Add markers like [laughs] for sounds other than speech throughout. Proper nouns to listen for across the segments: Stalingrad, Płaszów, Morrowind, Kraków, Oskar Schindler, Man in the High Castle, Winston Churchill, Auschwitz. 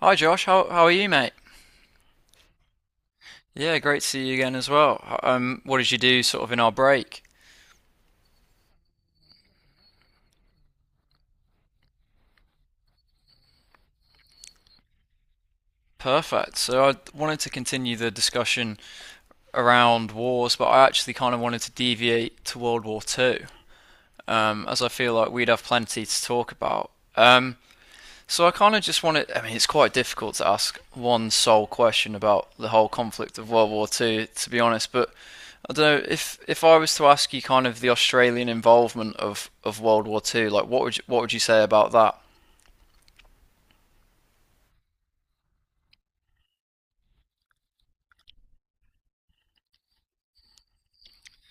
Hi Josh, how are you, mate? Yeah, great to see you again as well. What did you do sort of in our break? Perfect. So I wanted to continue the discussion around wars, but I actually kind of wanted to deviate to World War Two, as I feel like we'd have plenty to talk about. So I kind of just wanted. I mean, it's quite difficult to ask one sole question about the whole conflict of World War Two, to be honest. But I don't know if I was to ask you kind of the Australian involvement of World War Two, like what would you say about that?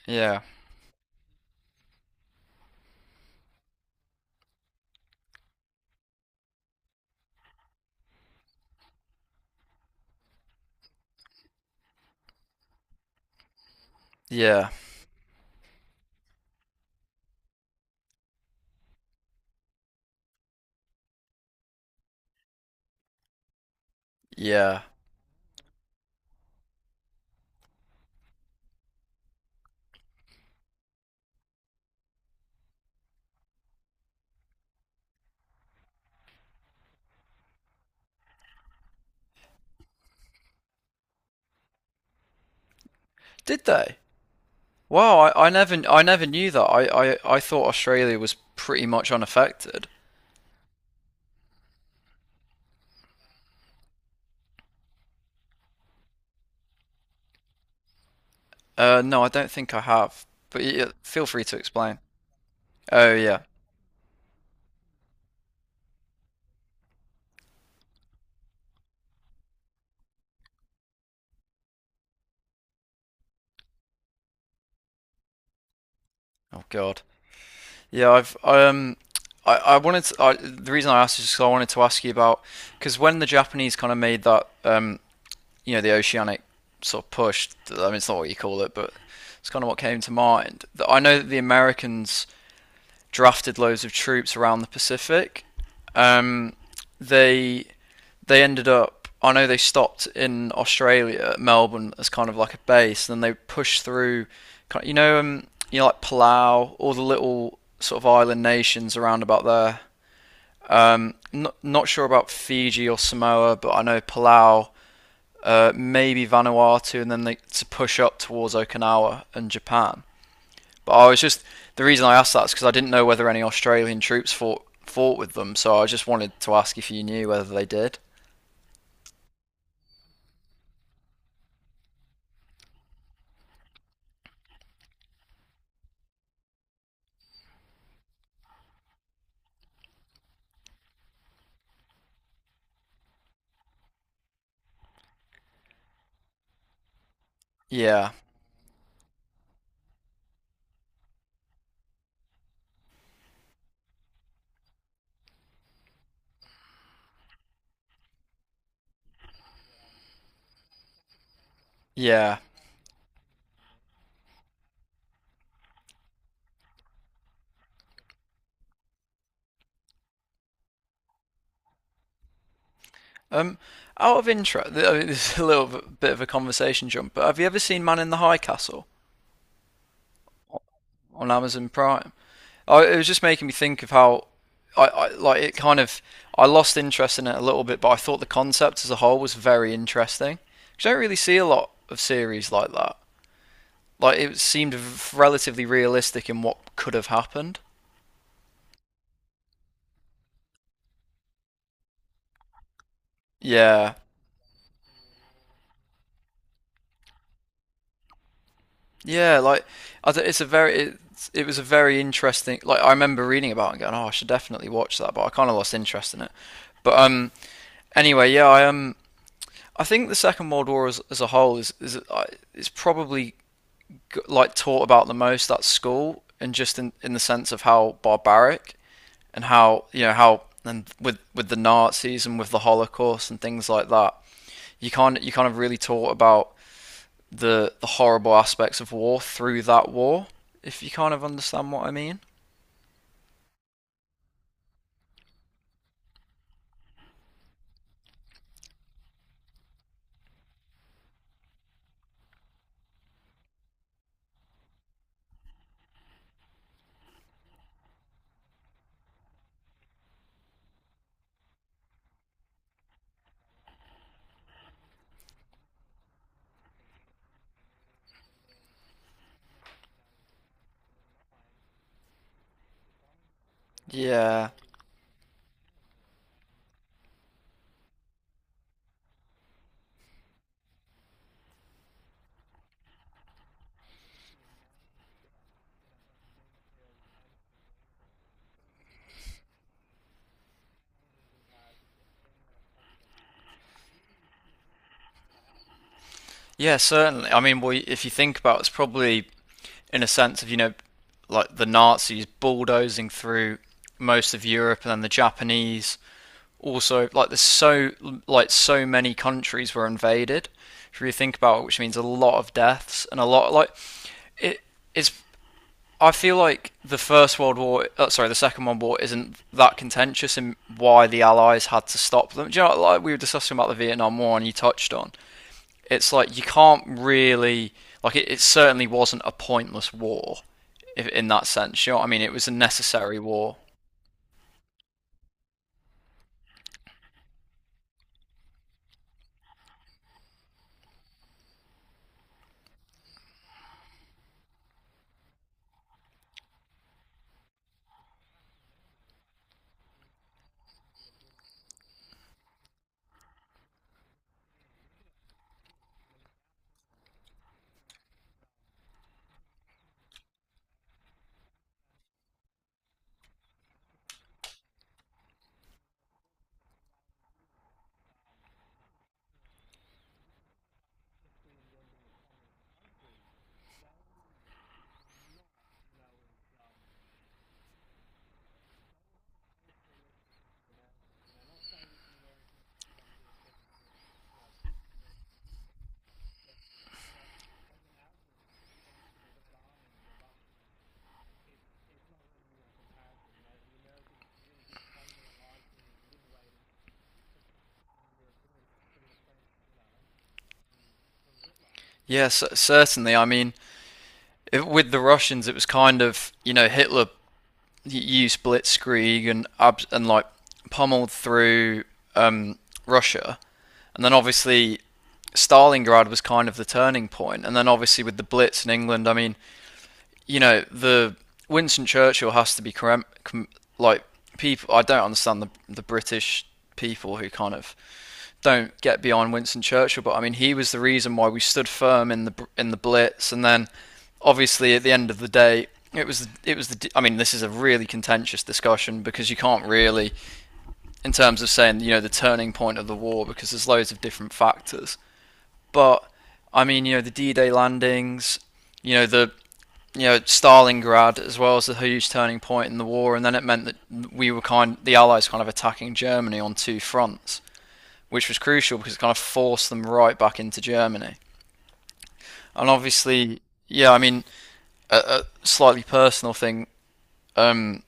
Yeah, yeah, yeah. Did they? Wow, I never knew that. I thought Australia was pretty much unaffected. No, I don't think I have. But yeah, feel free to explain. Oh yeah. Oh God. Yeah, I wanted the reason I asked is because I wanted to ask you about because when the Japanese kind of made that you know, the oceanic sort of push. I mean, it's not what you call it, but it's kind of what came to mind. I know that the Americans drafted loads of troops around the Pacific. Um, they they ended up. I know they stopped in Australia, Melbourne, as kind of like a base. Then they pushed through, you know, like Palau, all the little sort of island nations around about there. Not sure about Fiji or Samoa, but I know Palau, maybe Vanuatu, and then to push up towards Okinawa and Japan. But I was just the reason I asked that is because I didn't know whether any Australian troops fought with them, so I just wanted to ask if you knew whether they did. Yeah, yeah. Um, Out of interest, I mean, [laughs] this is a little bit of a conversation jump, but have you ever seen Man in the High Castle on Amazon Prime? It was just making me think of how I like it. Kind of, I lost interest in it a little bit, but I thought the concept as a whole was very interesting. 'Cause you don't really see a lot of series like that. Like it seemed relatively realistic in what could have happened. Yeah, yeah. Like I do it's a very it. It was a very interesting. Like I remember reading about it and going, oh, I should definitely watch that, but I kind of lost interest in it. But anyway, yeah, I think the Second World War as a whole is probably like taught about the most at school, and just in the sense of how barbaric and how you know how and with the Nazis and with the Holocaust and things like that, you kind of really taught about the horrible aspects of war through that war. If you kind of understand what I mean. Yeah. Yeah, certainly. I mean, well, if you think about it, it's probably in a sense of, you know, like the Nazis bulldozing through most of Europe and then the Japanese also, like so many countries were invaded if you really think about it, which means a lot of deaths and a lot like it it's I feel like the First World War, sorry, the Second World War isn't that contentious in why the Allies had to stop them. Do you know, like we were discussing about the Vietnam War and you touched on, it's like you can't really, it certainly wasn't a pointless war if, in that sense. You know what I mean? It was a necessary war. Yes, certainly. I mean, if, with the Russians, it was kind of, you know, you split Skrig and and like pummeled through um, Russia, and then obviously Stalingrad was kind of the turning point, and then obviously with the Blitz in England, I mean, you know, the Winston Churchill has to be cram- com- like people. I don't understand the British people who kind of don't get behind Winston Churchill, but I mean, he was the reason why we stood firm in the Blitz, and then obviously at the end of the day, it was the. I mean, this is a really contentious discussion because you can't really, in terms of saying, you know, the turning point of the war, because there's loads of different factors. But I mean, you know, the D-Day landings, you know the you know, Stalingrad as well as a huge turning point in the war, and then it meant that the Allies kind of attacking Germany on two fronts, which was crucial because it kind of forced them right back into Germany. And obviously, yeah, I mean, a slightly personal thing um,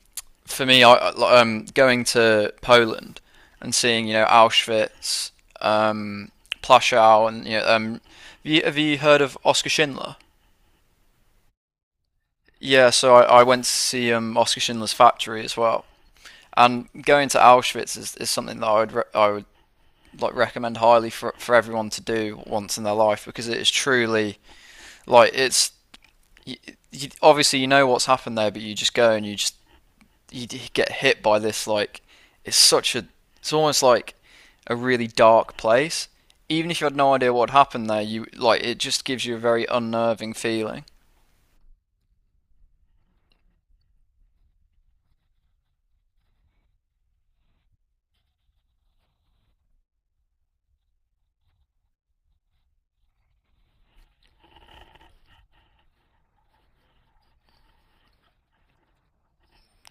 for me, going to Poland and seeing, you know, Auschwitz, um, Plaszow, and you know, have you heard of Oskar Schindler? Yeah, so I went to see Oskar Schindler's factory as well. And going to Auschwitz is something that I would I would like recommend highly for everyone to do once in their life because it is truly like it's you, you, obviously you know what's happened there, but you just go and you just you get hit by this it's such a it's almost like a really dark place. Even if you had no idea what happened there, you like it just gives you a very unnerving feeling.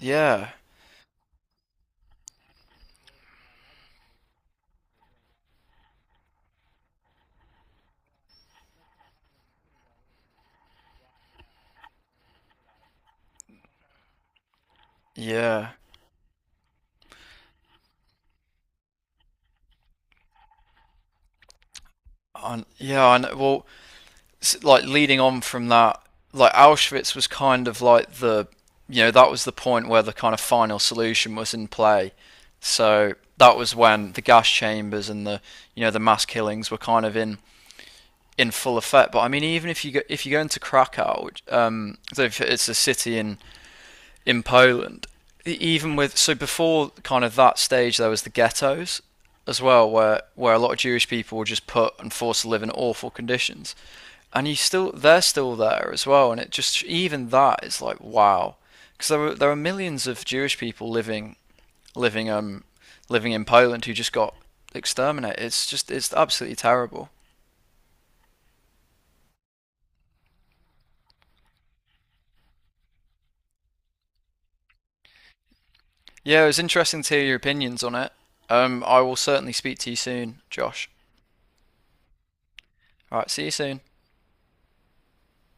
Yeah, yeah, and yeah. and Well, like leading on from that, like Auschwitz was kind of you know, that was the point where the kind of final solution was in play. So that was when the gas chambers and the, you know, the mass killings were kind of in full effect. But I mean, even if you go into Krakow, so it's a city in Poland, even with, so before kind of that stage, there was the ghettos as well, where a lot of Jewish people were just put and forced to live in awful conditions, and you still they're still there as well, and it just, even that is like wow, because there are millions of Jewish people living living in Poland who just got exterminated. It's just, it's absolutely terrible. Yeah, it was interesting to hear your opinions on it. I will certainly speak to you soon, Josh. All right, see you soon.